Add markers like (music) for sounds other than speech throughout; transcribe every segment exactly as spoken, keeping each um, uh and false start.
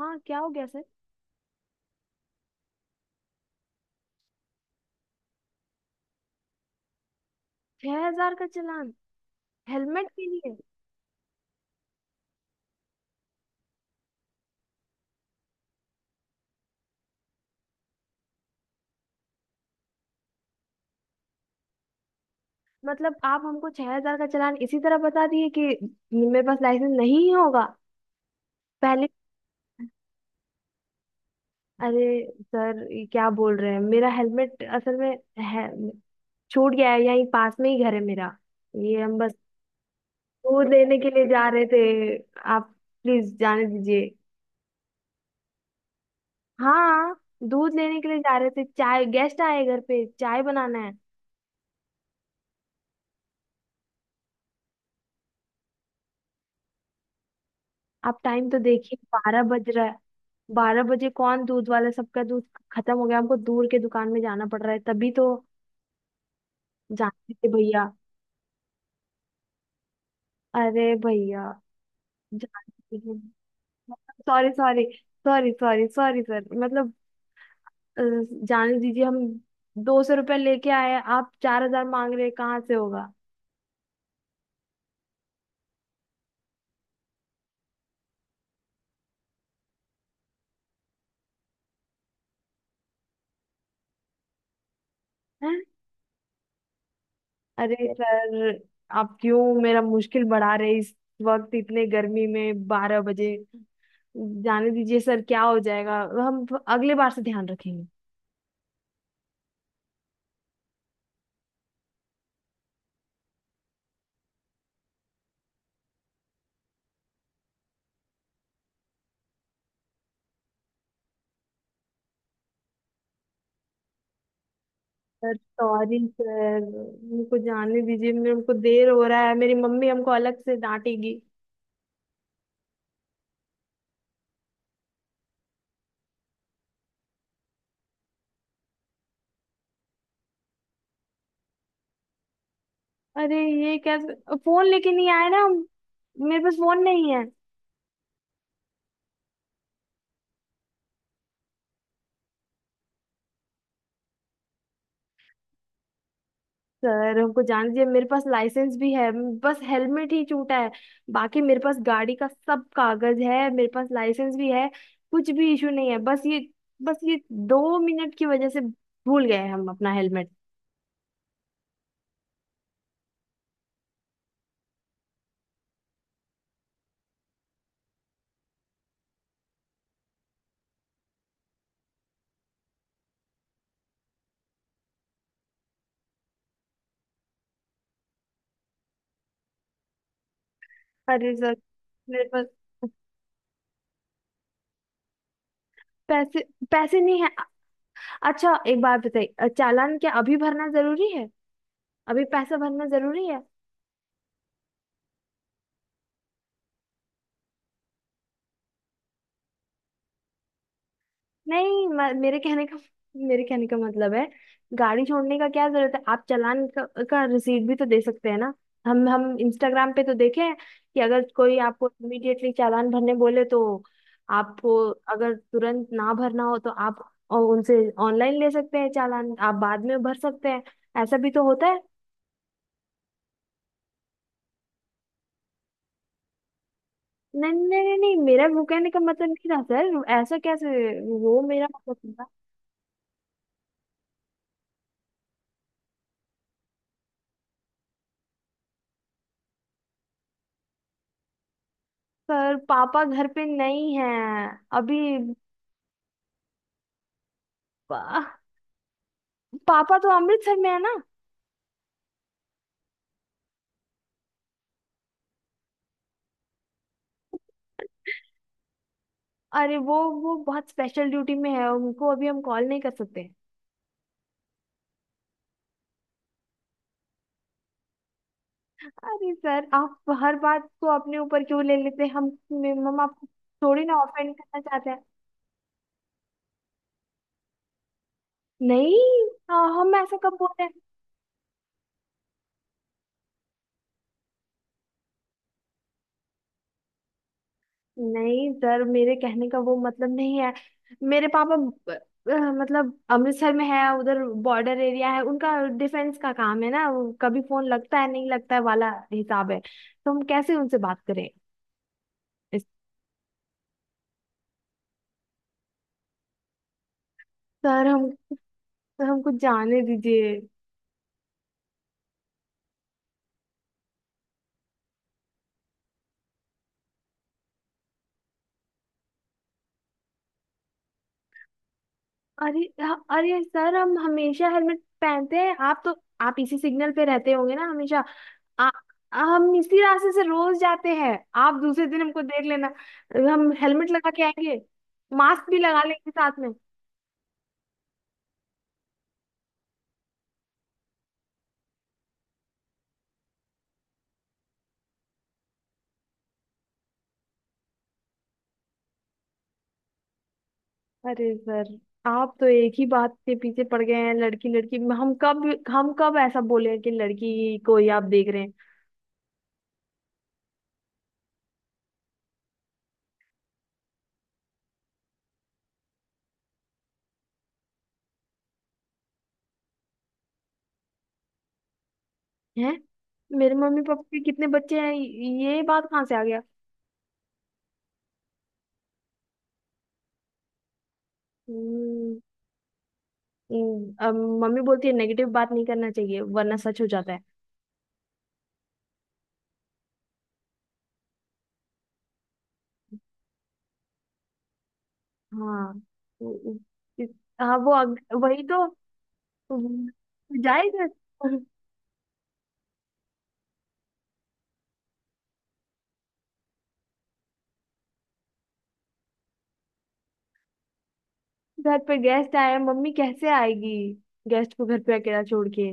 हाँ क्या हो गया सर। छह हजार का चालान? हेलमेट के लिए? मतलब आप हमको छह हजार का चालान इसी तरह बता दिए कि मेरे पास लाइसेंस नहीं होगा पहले? अरे सर, ये क्या बोल रहे हैं। मेरा हेलमेट असल में है, छूट गया है। यहीं पास में ही घर है मेरा। ये हम बस दूध लेने के लिए जा रहे थे। आप प्लीज जाने दीजिए। हाँ। दूध लेने के लिए जा रहे थे, चाय। गेस्ट आए घर पे, चाय बनाना है। आप टाइम तो देखिए, बारह बज रहा है। बारह बजे कौन दूध वाला। सबका दूध खत्म हो गया, हमको दूर के दुकान में जाना पड़ रहा है तभी तो। जानते थे भैया। अरे भैया। जानते थे, sorry sorry. Sorry sorry sorry sir, मतलब अ, जाने दीजिए हम। दो सौ रुपये लेके आए, आप चार हजार मांग रहे हैं, कहाँ से होगा? अरे सर, आप क्यों मेरा मुश्किल बढ़ा रहे। इस वक्त, इतने गर्मी में, बारह बजे, जाने दीजिए सर। क्या हो जाएगा, हम अगले बार से ध्यान रखेंगे। सर सॉरी सर, मुझको जाने दीजिए। मेरे को देर हो रहा है, मेरी मम्मी हमको अलग से डांटेगी। अरे ये कैसे, फोन लेके नहीं आए ना हम। मेरे पास फोन नहीं है। सर हमको जान दीजिए, मेरे पास लाइसेंस भी है। बस हेलमेट ही छूटा है। बाकी मेरे पास गाड़ी का सब कागज है, मेरे पास लाइसेंस भी है, कुछ भी इशू नहीं है। बस ये बस ये दो मिनट की वजह से भूल गए हम अपना हेलमेट। अरे सर, मेरे पास पैसे पैसे नहीं है। अच्छा, एक बात बताइए, अ, चालान क्या अभी भरना जरूरी है? अभी पैसा भरना जरूरी है? नहीं, म- मेरे कहने का मेरे कहने का मतलब है। गाड़ी छोड़ने का क्या जरूरत है? आप चालान का, का रिसीट भी तो दे सकते हैं ना। हम हम इंस्टाग्राम पे तो देखे हैं कि अगर कोई आपको इमीडिएटली चालान भरने बोले तो आपको, अगर तुरंत ना भरना हो तो आप अ, उनसे ऑनलाइन ले सकते हैं चालान, आप बाद में भर सकते हैं। ऐसा भी तो होता है। नहीं नहीं नहीं नहीं, मेरा वो कहने का मतलब नहीं था सर, ऐसा कैसे। वो मेरा मतलब था। सर, पापा घर पे नहीं है अभी। पापा तो अमृतसर में है ना। अरे वो वो बहुत स्पेशल ड्यूटी में है, उनको अभी हम कॉल नहीं कर सकते। अरे सर, आप हर बात को अपने ऊपर क्यों ले लेते हैं? हम मम्मा आपको थोड़ी ना ऑफेंड करना चाहते हैं। नहीं। हाँ, हम ऐसा कब बोल रहे हैं। नहीं सर, मेरे कहने का वो मतलब नहीं है। मेरे पापा ब- अ, मतलब अमृतसर में है, उधर बॉर्डर एरिया है उनका। डिफेंस का काम है ना। वो कभी फोन लगता है, नहीं लगता है वाला हिसाब है, तो हम कैसे उनसे बात करें। इस- सर हम तो, हमको जाने दीजिए। अरे ह- अरे सर, हम हमेशा हेलमेट पहनते हैं। आप तो, आप इसी सिग्नल पे रहते होंगे ना हमेशा। आ, हम इसी रास्ते से रोज जाते हैं। आप दूसरे दिन हमको देख लेना, हम हेलमेट लगा के आएंगे। मास्क भी लगा लेंगे साथ में। अरे सर, आप तो एक ही बात के पीछे पड़ गए हैं। लड़की लड़की, हम कब हम कब ऐसा बोले कि लड़की को ही आप देख रहे हैं। हैं, मेरे मम्मी पापा के कितने बच्चे हैं, ये बात कहाँ से आ गया। हम्म, हम्म, अब मम्मी बोलती है नेगेटिव बात नहीं करना चाहिए, वरना सच हो जाता है। हाँ वो- इस- हाँ वो अग, वही तो। उम, जाएगा। घर पे गेस्ट आए, मम्मी कैसे आएगी, गेस्ट को घर पे अकेला छोड़ के।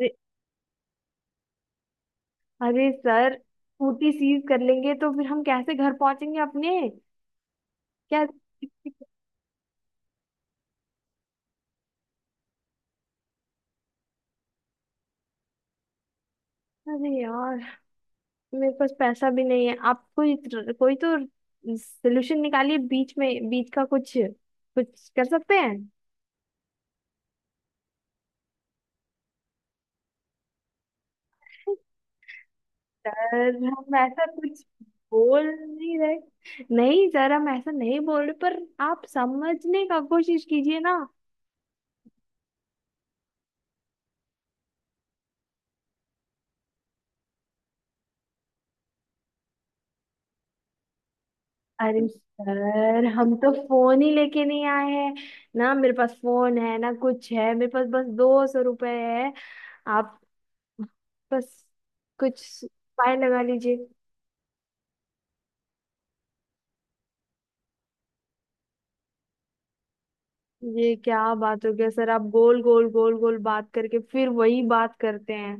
अरे। अरे सर, स्कूटी सीज कर लेंगे तो फिर हम कैसे घर पहुंचेंगे अपने। क्या? अरे यार, मेरे पास पैसा भी नहीं है। आप कोई, कोई तो सोल्यूशन निकालिए, बीच में बीच का कुछ कुछ कर सकते हैं। सर हम ऐसा कुछ बोल नहीं रहे। नहीं सर, हम ऐसा नहीं बोल रहे, पर आप समझने का कोशिश कीजिए ना। अरे सर, हम तो फोन ही लेके नहीं आए हैं। ना मेरे पास फोन है ना कुछ है, मेरे पास बस दो सौ रुपए है। आप बस, कुछ उपाय लगा लीजिए। ये क्या बात हो गया सर, आप गोल गोल गोल गोल बात करके फिर वही बात करते हैं।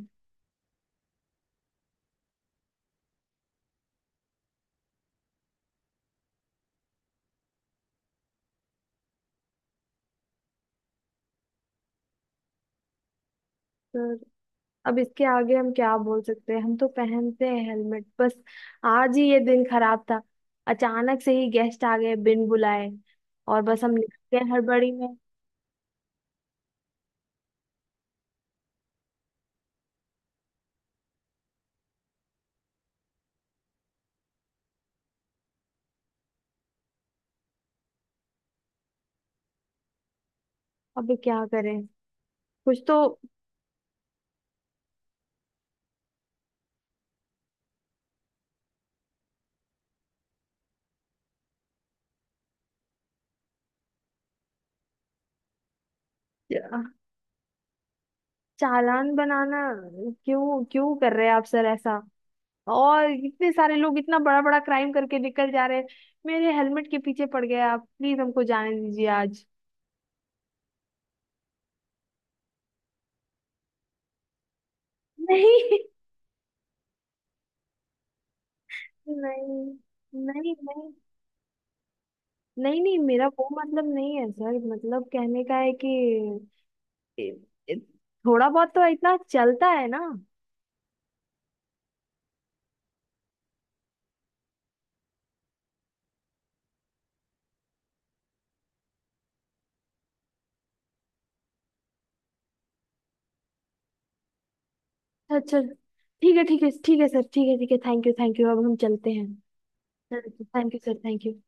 सर, अब इसके आगे हम क्या बोल सकते हैं। हम तो पहनते हैं हेलमेट बस। आज ही ये दिन खराब था। अचानक से ही गेस्ट आ गए बिन बुलाए, और बस हम निकल गए हड़बड़ी में। अब क्या करें, कुछ तो। चालान बनाना क्यों क्यों कर रहे हैं आप सर ऐसा? और इतने सारे लोग इतना बड़ा बड़ा क्राइम करके निकल जा रहे हैं, मेरे हेलमेट के पीछे पड़ गए आप। प्लीज हमको जाने दीजिए आज। नहीं (laughs) नहीं नहीं नहीं नहीं। नहीं, मेरा वो मतलब नहीं है सर। मतलब कहने का है कि ए- ए- थोड़ा बहुत तो इतना चलता है ना। अच्छा। ठीक है ठीक है ठीक है सर, ठीक है ठीक है। थैंक यू, थैंक यू, अब हम चलते हैं। Thank you sir, thank you.